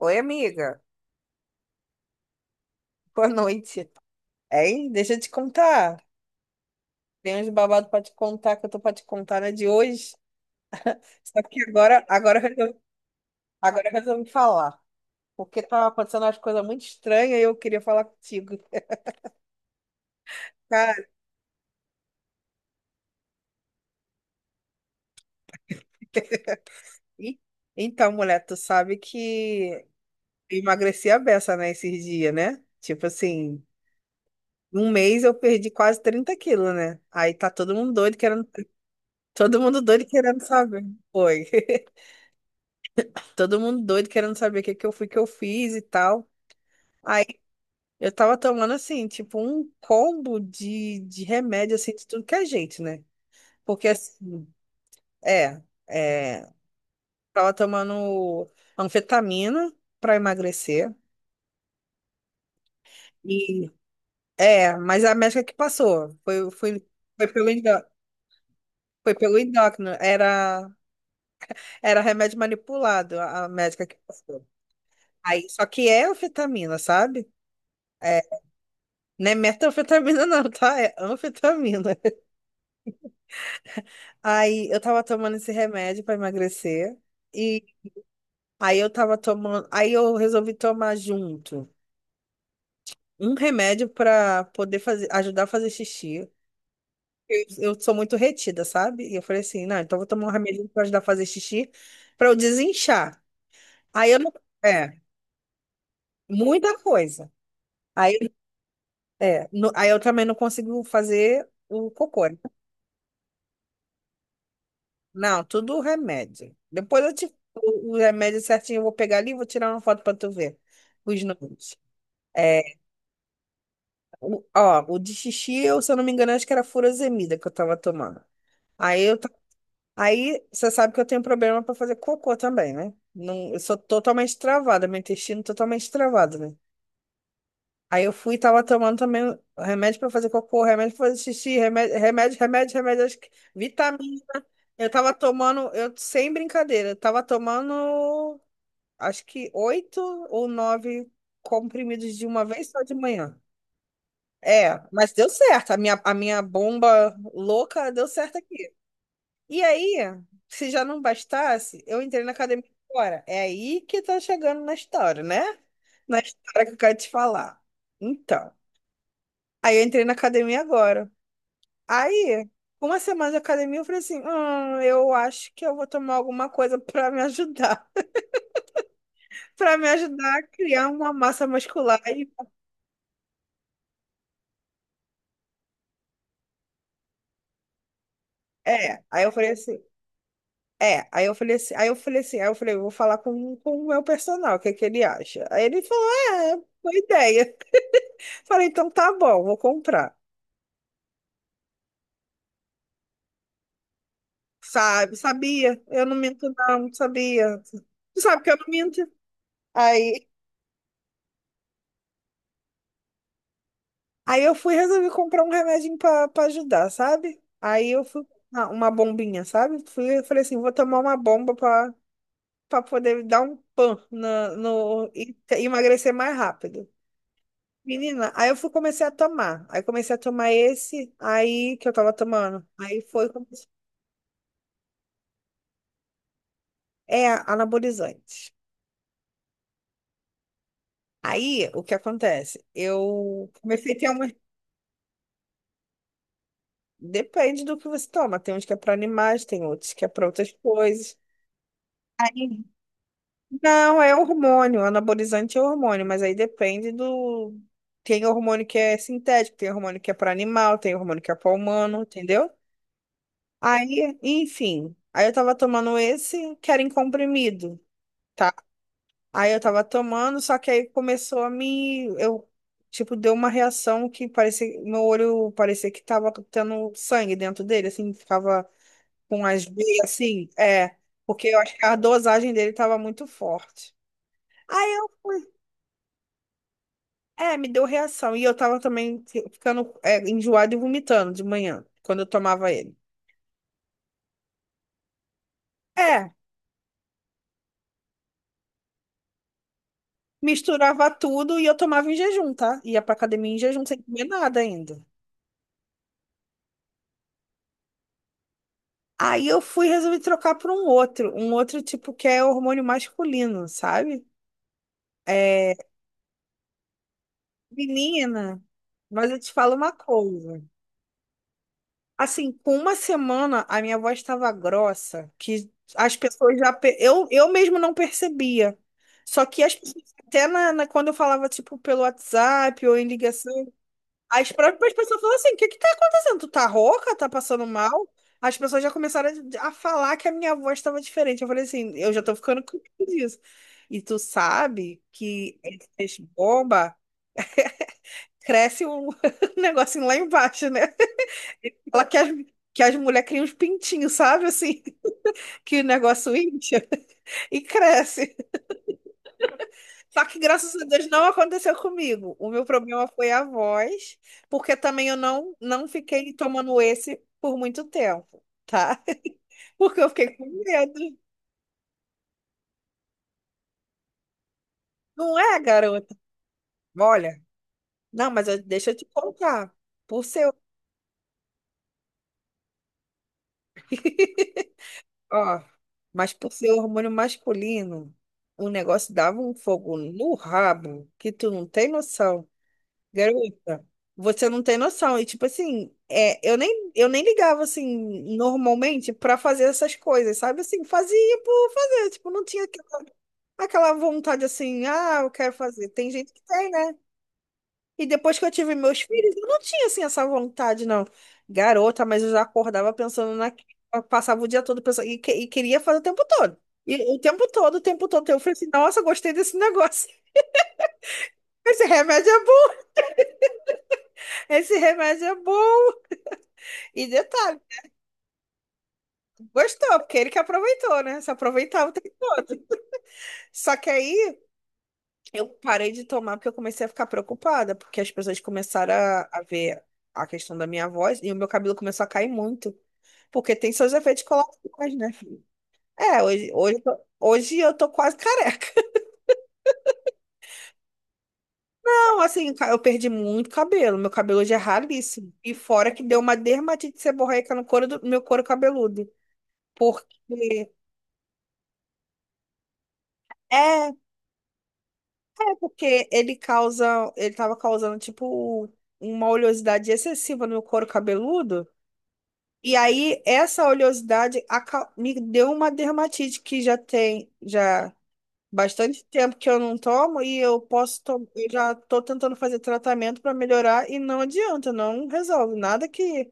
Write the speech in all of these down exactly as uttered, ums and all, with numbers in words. Oi, amiga. Boa noite. Hein? Deixa eu te contar. Tem uns babados pra te contar que eu tô pra te contar, né, de hoje. Só que agora, agora, eu resolvi- agora eu resolvi falar. Porque tava acontecendo umas coisas muito estranhas e eu queria falar contigo. Cara, e- então, mulher, tu sabe que eu emagreci a beça, né, esses dias, né? Tipo assim, num mês eu perdi quase trinta quilos, né? Aí tá todo mundo doido querendo, todo mundo doido querendo saber. Foi. Todo mundo doido querendo saber o que que eu fui que eu fiz e tal. Aí eu tava tomando assim, tipo, um combo de, de remédio assim de tudo que é jeito, né? Porque assim, é, é, tava tomando anfetamina pra emagrecer e é, mas a médica que passou, foi foi foi pelo endó- foi pelo endócrino, era era remédio manipulado, a a médica que passou. Aí só que é anfetamina, sabe? É, não é metanfetamina, não, tá? É anfetamina. Aí eu tava tomando esse remédio pra emagrecer e aí eu tava tomando, aí eu resolvi tomar junto um remédio pra poder fazer, ajudar a fazer xixi. Eu, eu sou muito retida, sabe? E eu falei assim, não, então eu vou tomar um remédio pra ajudar a fazer xixi pra eu desinchar. Aí eu não, é, muita coisa. Aí, é, no- aí eu também não consigo fazer o cocô, né? Não, tudo remédio. Depois eu te, o, o remédio certinho eu vou pegar ali e vou tirar uma foto pra tu ver os números. É, o- ó, o de xixi, eu, se eu não me engano, acho que era furosemida que eu tava tomando. Aí eu, ta- aí você sabe que eu tenho problema pra fazer cocô também, né? Não, eu sou totalmente travada, meu intestino totalmente travado, né? Aí eu fui e tava tomando também remédio pra fazer cocô, remédio pra fazer xixi, remédio, remédio, remédio, remédio, acho que vitamina. Eu tava tomando, eu sem brincadeira, eu tava tomando acho que oito ou nove comprimidos de uma vez só de manhã. É, mas deu certo. A minha, a minha bomba louca deu certo aqui. E aí, se já não bastasse, eu entrei na academia agora. É aí que tá chegando na história, né? Na história que eu quero te falar. Então, aí eu entrei na academia agora. Aí, com uma semana de academia, eu falei assim: hum, eu acho que eu vou tomar alguma coisa pra me ajudar. Pra me ajudar a criar uma massa muscular. E- É, aí eu falei assim. É, aí eu falei assim, aí eu falei assim, aí eu falei, eu vou falar com, com o meu personal, o que que ele acha? Aí ele falou, é, boa ideia. Falei, então tá bom, vou comprar. Sabe, sabia? Eu não minto não, sabia. Tu sabe que eu não minto? Aí, aí eu fui resolver comprar um remedinho pra, pra ajudar, sabe? Aí eu fui, uma, uma bombinha, sabe? Fui, eu falei assim, vou tomar uma bomba pra, pra poder dar um pan na, no, e emagrecer mais rápido. Menina, aí eu fui, comecei a tomar. Aí comecei a tomar esse aí que eu tava tomando. Aí foi. comecei- É anabolizante. Aí, o que acontece? Eu comecei a ter uma. Depende do que você toma. Tem uns que é para animais, tem outros que é para outras coisas. Aí- Não, é hormônio. Anabolizante é hormônio, mas aí depende do. Tem hormônio que é sintético, tem hormônio que é para animal, tem hormônio que é para humano, entendeu? Aí, enfim. Aí eu tava tomando esse que era em comprimido. Tá. Aí eu tava tomando, só que aí começou a me. Eu, tipo, deu uma reação que parecia. Meu olho parecia que tava tendo sangue dentro dele, assim, ficava com as veias, assim. É, porque eu acho que a dosagem dele tava muito forte. Aí eu fui. É, me deu reação. E eu tava também fi- ficando, é, enjoada e vomitando de manhã, quando eu tomava ele. É, misturava tudo e eu tomava em jejum, tá? Ia pra academia em jejum sem comer nada ainda. Aí eu fui resolver trocar por um outro, um outro tipo que é hormônio masculino, sabe? É, menina, mas eu te falo uma coisa. Assim, com uma semana a minha voz estava grossa, que as pessoas já. pe- Eu, eu mesmo não percebia. Só que as pessoas, até na, na- quando eu falava, tipo, pelo WhatsApp ou em ligação. As próprias pessoas falam assim: o que que tá acontecendo? Tu tá rouca? Tá passando mal? As pessoas já começaram a a falar que a minha voz estava diferente. Eu falei assim: eu já tô ficando com medo disso. E tu sabe que essas bombas cresce um negocinho lá embaixo, né? Fala que as, que as mulheres criam uns pintinhos, sabe? Assim, que o negócio incha e cresce. Só que graças a Deus não aconteceu comigo. O meu problema foi a voz, porque também eu não, não fiquei tomando esse por muito tempo, tá? Porque eu fiquei com medo. Não é, garota? Olha, não, mas eu- deixa eu te contar. Por seu. Ó, mas por ser hormônio masculino, o negócio dava um fogo no rabo que tu não tem noção. Garota, você não tem noção. E tipo assim, é, eu nem, eu nem ligava assim normalmente pra fazer essas coisas, sabe? Assim, fazia por fazer, tipo, não tinha aqu- aquela vontade assim, ah, eu quero fazer. Tem gente que tem, né? E depois que eu tive meus filhos, eu não tinha assim essa vontade, não. Garota, mas eu já acordava pensando naquilo, eu passava o dia todo pensando e, que- e queria fazer o tempo todo. E o tempo todo, o tempo todo, eu falei assim, nossa, gostei desse negócio. Esse remédio é bom, esse remédio é bom. E detalhe. Gostou, porque ele que aproveitou, né? Se aproveitava o tempo todo. Só que aí eu parei de tomar porque eu comecei a ficar preocupada, porque as pessoas começaram a, a ver a questão da minha voz e o meu cabelo começou a cair muito, porque tem seus efeitos colaterais, né, filho? É, hoje, hoje, eu tô- hoje eu tô quase careca. Não, assim, ca- eu perdi muito cabelo. Meu cabelo hoje é ralíssimo. E fora que deu uma dermatite seborreica no couro do meu couro cabeludo. Porque. É, É porque ele causa, ele tava causando tipo uma oleosidade excessiva no meu couro cabeludo. E aí essa oleosidade aca- me deu uma dermatite que já tem já bastante tempo que eu não tomo e eu posso tomar, eu já tô tentando fazer tratamento para melhorar e não adianta, não resolve nada que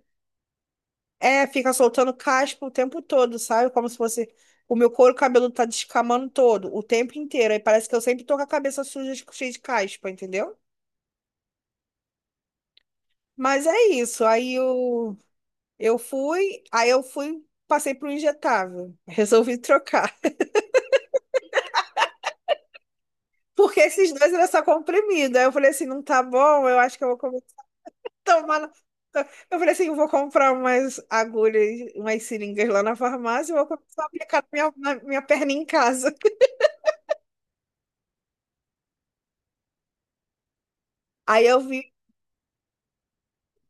é, fica soltando caspa o tempo todo, sabe? Como se fosse o meu couro cabeludo tá descamando todo, o tempo inteiro. Aí parece que eu sempre tô com a cabeça suja, cheia de caspa, entendeu? Mas é isso. Aí eu, eu fui, aí eu fui, passei para o injetável. Resolvi trocar. Porque esses dois era só comprimido. Aí eu falei assim, não tá bom, eu acho que eu vou comer- tomar. no- Eu falei assim, eu vou comprar umas agulhas, umas seringas lá na farmácia e vou começar a aplicar na minha, na minha, perna em casa. Aí eu vi,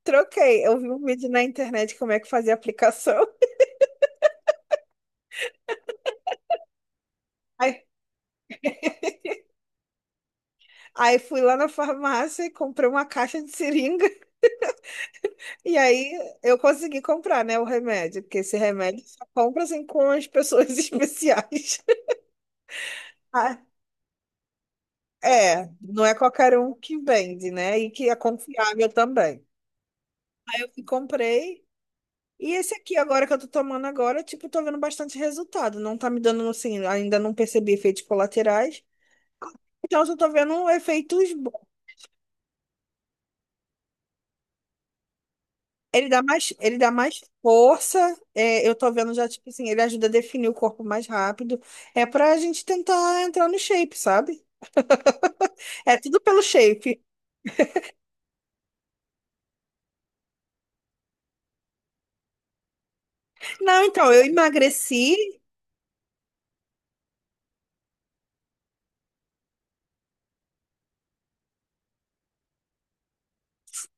troquei. Eu vi um vídeo na internet como é que fazia a aplicação. Aí, aí fui lá na farmácia e comprei uma caixa de seringa. E aí eu consegui comprar, né, o remédio, porque esse remédio só compra assim com as pessoas especiais. Ah, é, não é qualquer um que vende, né? E que é confiável também. Eu fui, comprei. E esse aqui agora que eu tô tomando agora, tipo, tô vendo bastante resultado. Não tá me dando, assim, ainda não percebi efeitos colaterais. Então, eu só tô vendo efeitos bons. Ele dá mais, ele dá mais força. é, eu tô vendo já, tipo assim, ele ajuda a definir o corpo mais rápido. É pra gente tentar entrar no shape, sabe? É tudo pelo shape. Não, então, eu emagreci.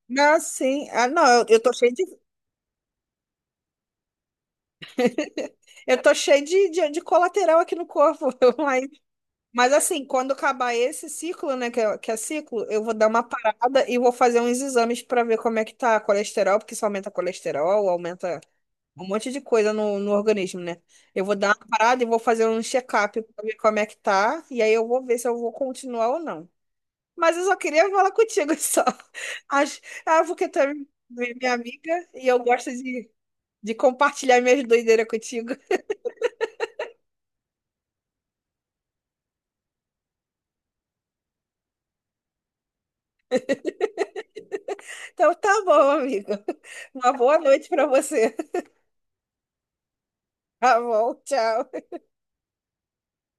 Não, sim. Ah, não, eu, eu tô cheio de, eu tô cheio de, de, de colateral aqui no corpo. Mas, mas assim, quando acabar esse ciclo, né, que é, que é ciclo, eu vou dar uma parada e vou fazer uns exames pra ver como é que tá a colesterol, porque isso aumenta colesterol, aumenta um monte de coisa no, no organismo, né? Eu vou dar uma parada e vou fazer um check-up pra ver como é que tá, e aí eu vou ver se eu vou continuar ou não. Mas eu só queria falar contigo só. Acho- Ah, porque tu é minha amiga e eu gosto de, de compartilhar minhas doideiras contigo. Então tá bom, amigo. Uma boa noite pra você. Tá bom, tchau.